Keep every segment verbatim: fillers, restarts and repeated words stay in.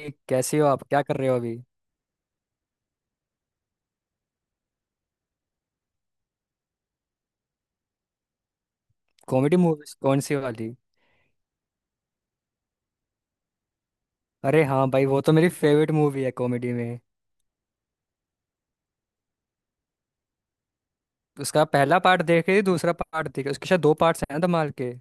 ये कैसी हो आप, क्या कर रहे हो अभी। कॉमेडी मूवीज कौन सी वाली? अरे हाँ भाई वो तो मेरी फेवरेट मूवी है कॉमेडी में। उसका पहला पार्ट देखे दूसरा पार्ट देखे, उसके शायद दो पार्ट्स हैं ना धमाल के।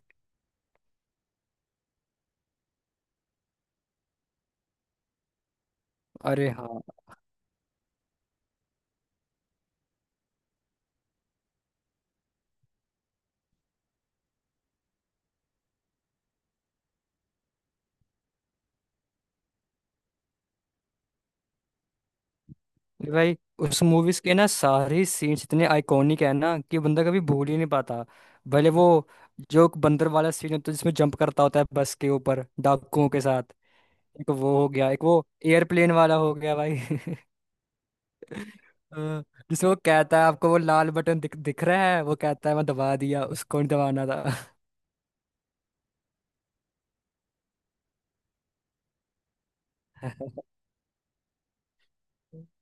अरे हाँ। अरे भाई उस मूवीज के ना सारे सीन्स इतने आइकॉनिक है ना कि बंदा कभी भूल ही नहीं पाता। भले वो जो बंदर वाला सीन होता है जिसमें जंप करता होता है बस के ऊपर डाकुओं के साथ। एक वो हो गया, एक वो एयरप्लेन वाला हो गया भाई। अ, जिसमें वो कहता है आपको वो लाल बटन दिख दिख रहा है, वो कहता है मैं दबा दिया, उसको नहीं दबाना था।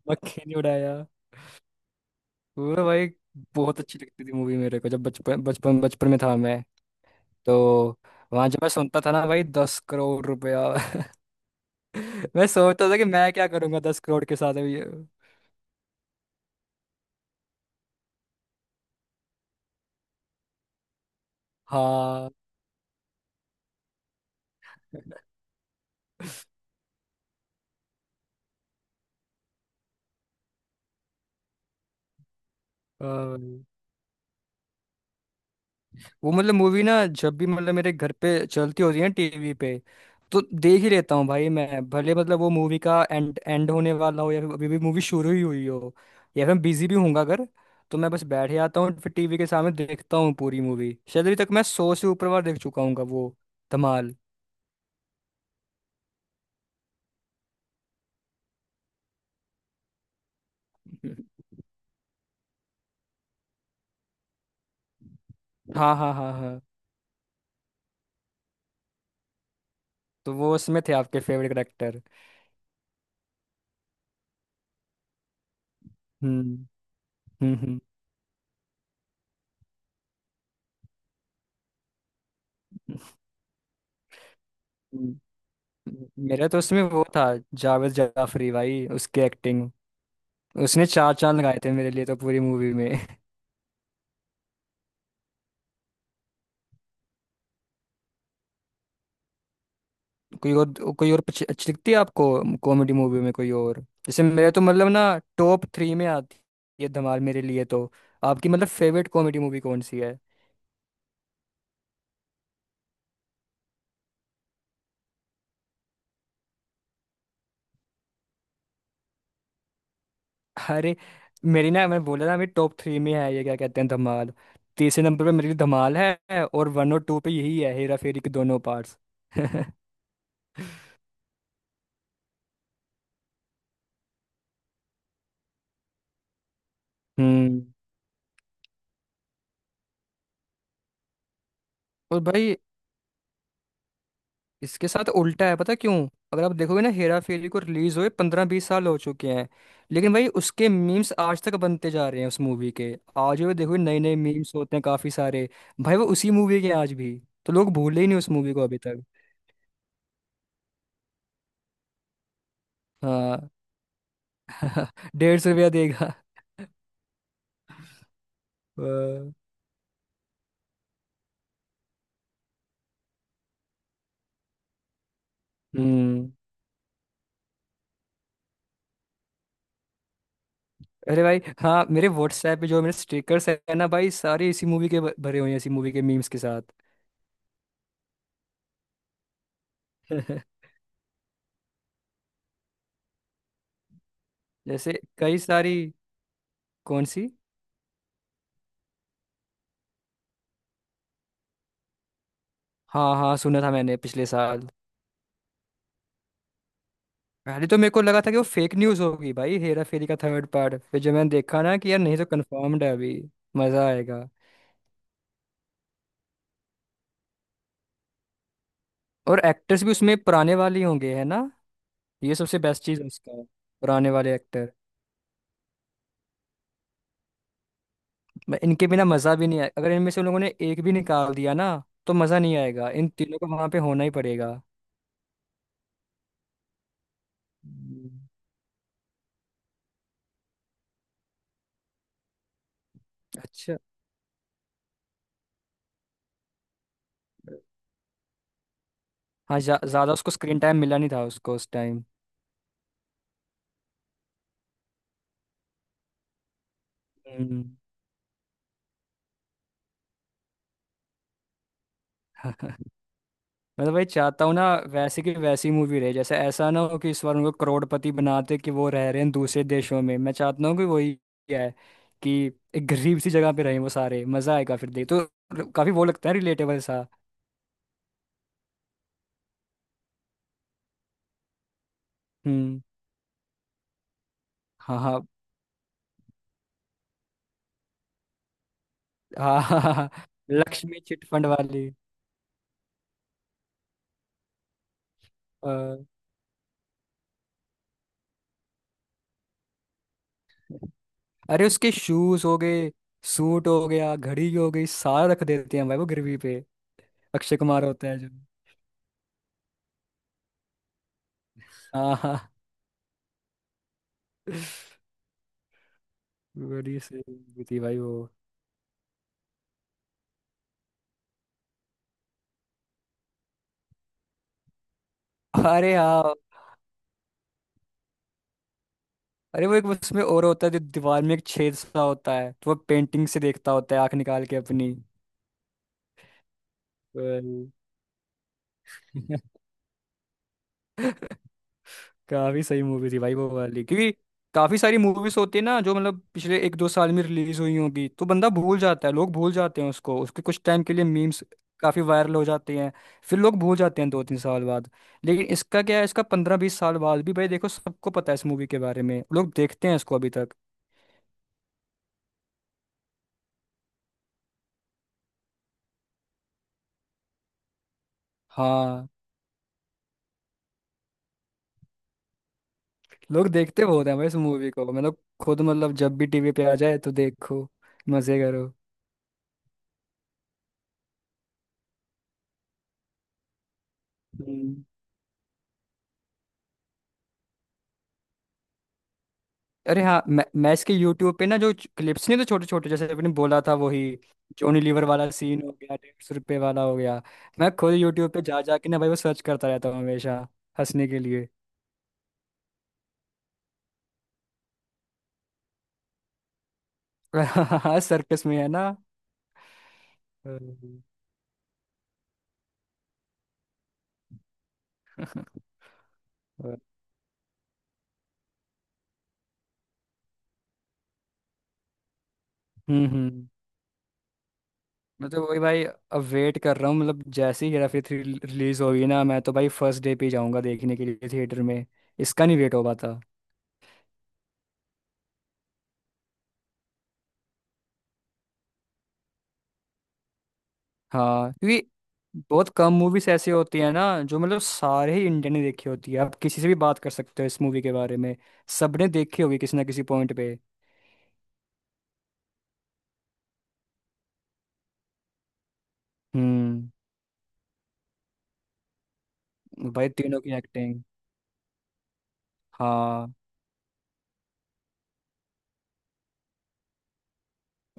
मक्खी नहीं उड़ाया। वो तो भाई बहुत अच्छी लगती थी मूवी मेरे को जब बचपन बचपन बचपन में था मैं। तो वहां जब मैं सुनता था ना भाई दस करोड़ रुपया। मैं सोचता था कि मैं क्या करूंगा दस करोड़ के साथ अभी। हाँ। हाँ। वो मतलब मूवी ना जब भी मतलब मेरे घर पे चलती होती है ना टीवी पे, तो देख ही लेता हूँ भाई मैं, भले मतलब वो मूवी का एंड एंड होने वाला हो या फिर अभी भी मूवी शुरू ही हुई हो, या फिर मैं बिजी भी हूँगा अगर, तो मैं बस बैठ जाता हूँ फिर टीवी के सामने देखता हूँ पूरी मूवी। शायद अभी तक मैं सौ से ऊपर बार देख चुका हूँ वो धमाल। हाँ हाँ हाँ हाँ। तो वो उसमें थे आपके फेवरेट करेक्टर? हम्म हम्म हम्म। हम्म। मेरा तो उसमें वो था जावेद जाफरी भाई, उसकी एक्टिंग। उसने चार चांद लगाए थे मेरे लिए तो पूरी मूवी में। कोई और कोई और अच्छी अच्छी लगती है आपको कॉमेडी मूवी में कोई और? जैसे मेरे तो मतलब ना टॉप थ्री में आती है धमाल मेरे लिए तो। आपकी मतलब फेवरेट कॉमेडी मूवी कौन सी है? अरे मेरी ना, मैं बोला ना, मेरी टॉप थ्री में है ये क्या कहते हैं धमाल। तीसरे नंबर पे मेरी धमाल है और वन और टू पे यही है हेरा फेरी के दोनों पार्ट्स। हम्म। और भाई इसके साथ उल्टा है, पता क्यों? अगर आप देखोगे ना, हेरा फेरी को रिलीज हुए पंद्रह बीस साल हो चुके हैं, लेकिन भाई उसके मीम्स आज तक बनते जा रहे हैं उस मूवी के। आज भी देखोगे नए नए मीम्स होते हैं काफी सारे भाई वो उसी मूवी के हैं आज भी। तो लोग भूले ही नहीं उस मूवी को अभी तक। हाँ। डेढ़ सौ रुपया देगा। वाह। हम्म। अरे भाई हाँ, मेरे व्हाट्सएप पे जो मेरे स्टिकर्स है ना भाई, सारे इसी मूवी के भ- भरे हुए हैं इसी मूवी के मीम्स के साथ। जैसे कई सारी कौन सी? हाँ हाँ, सुना था मैंने पिछले साल। पहले तो मेरे को लगा था कि वो फेक न्यूज होगी भाई, हेरा फेरी का थर्ड पार्ट, फिर जब मैंने देखा ना कि यार नहीं तो कंफर्म्ड है अभी। मजा आएगा। और एक्टर्स भी उसमें पुराने वाले ही होंगे है ना? ये सबसे बेस्ट चीज है उसका। पुराने वाले एक्टर। मैं- इनके बिना मजा भी नहीं आएगा, अगर इनमें से उन लोगों ने एक भी निकाल दिया ना, तो मजा नहीं आएगा, इन तीनों को वहां पे होना ही पड़ेगा। हम्म, अच्छा। हाँ ज्या- ज्यादा उसको स्क्रीन टाइम मिला नहीं था उसको उस टाइम। हम्म। मैं तो भाई चाहता हूँ ना वैसे की वैसी मूवी रहे, जैसे ऐसा ना हो कि इस बार उनको करोड़पति बनाते कि वो रह रहे हैं दूसरे देशों में, मैं चाहता हूँ कि वही है, कि एक गरीब सी जगह पे रहें वो सारे, मजा आएगा फिर देख तो, काफी वो लगता है रिलेटेबल सा। हम्म। हाँ हाँ हाँ हाँ। हाँ, हाँ। लक्ष्मी चिटफंड वाली। अ, अरे उसके शूज हो गए, सूट हो गया, घड़ी हो गई, सारा रख देते हैं भाई वो गिरवी पे। अक्षय कुमार होता है जो। हाँ हाँ। बड़ी सही movie थी भाई वो। अरे हाँ। अरे वो एक उसमें और होता है, जो दीवार में एक छेद सा होता है तो वो पेंटिंग से देखता होता है आंख निकाल के अपनी। वही। काफी सही मूवी थी भाई वो वाली, क्योंकि काफी सारी मूवीज होती है ना जो मतलब पिछले एक दो साल में रिलीज हुई होंगी, तो बंदा भूल जाता है, लोग भूल जाते हैं उसको, उसके कुछ टाइम के लिए मीम्स काफी वायरल हो जाते हैं, फिर लोग भूल जाते हैं दो तीन साल बाद। लेकिन इसका क्या है, इसका पंद्रह बीस साल बाद भी भाई देखो सबको पता है इस मूवी के बारे में, लोग देखते हैं इसको अभी तक। हाँ। लोग देखते बहुत हैं भाई इस मूवी को, मैं तो खुद मतलब जब भी टीवी पे आ जाए तो देखो, मजे करो। हम्म। अरे हाँ, मैं मैं इसके यूट्यूब पे ना जो क्लिप्स नहीं तो छोटे छोटे, जैसे आपने बोला था वही जॉनी लीवर वाला सीन हो गया, डेढ़ सौ रुपये वाला हो गया। मैं खुद यूट्यूब पे जा जा के ना भाई वो सर्च करता रहता हूँ हमेशा, हंसने के लिए। हाँ सर्कस में है ना। हम्म, हम्म। हम्म। मैं तो वही भाई अब वेट कर रहा हूँ, मतलब जैसे ही हेरा फेरी थ्री रिलीज होगी ना, मैं तो भाई फर्स्ट डे पे ही जाऊंगा देखने के लिए थिएटर में। इसका नहीं वेट हो पाता। हाँ, क्योंकि बहुत कम मूवीज ऐसी होती है ना जो मतलब सारे ही इंडियन ने देखी होती है, आप किसी से भी बात कर सकते हो इस मूवी के बारे में, सबने देखी होगी किसी ना किसी पॉइंट पे। हम्म। भाई तीनों की एक्टिंग। हाँ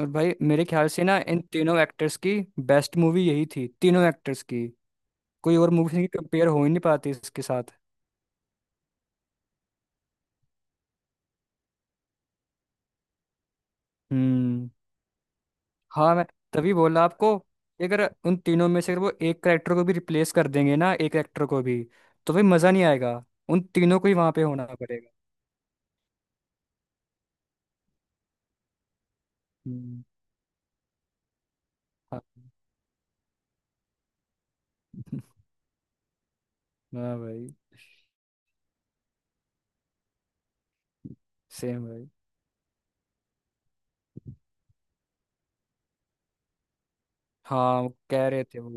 और भाई मेरे ख्याल से ना इन तीनों एक्टर्स की बेस्ट मूवी यही थी तीनों एक्टर्स की। कोई और मूवी से कंपेयर हो ही नहीं पाती इसके साथ। हम्म। हाँ मैं तभी बोला आपको कि अगर उन तीनों में से अगर वो एक करेक्टर को भी रिप्लेस कर देंगे ना, एक एक्टर को भी, तो भाई मज़ा नहीं आएगा, उन तीनों को ही वहाँ पे होना पड़ेगा। हम्म, हाँ। हाँ भाई। सेम भाई। हाँ वो कह रहे थे वो।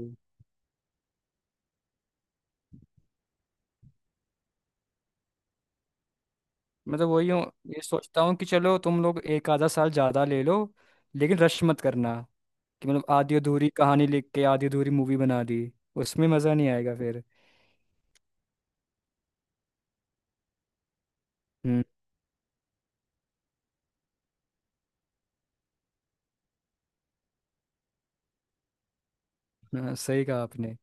मैं तो वही हूँ, ये सोचता हूँ कि चलो तुम लोग एक आधा साल ज़्यादा ले लो, लेकिन रश मत करना, कि मतलब आधी अधूरी कहानी लिख के आधी अधूरी मूवी बना दी, उसमें मज़ा नहीं आएगा फिर। हम्म। हाँ, सही कहा आपने।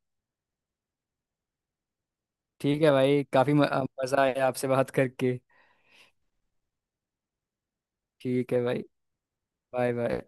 ठीक है भाई, काफ़ी मज़ा आया आपसे बात करके। ठीक है भाई बाय बाय।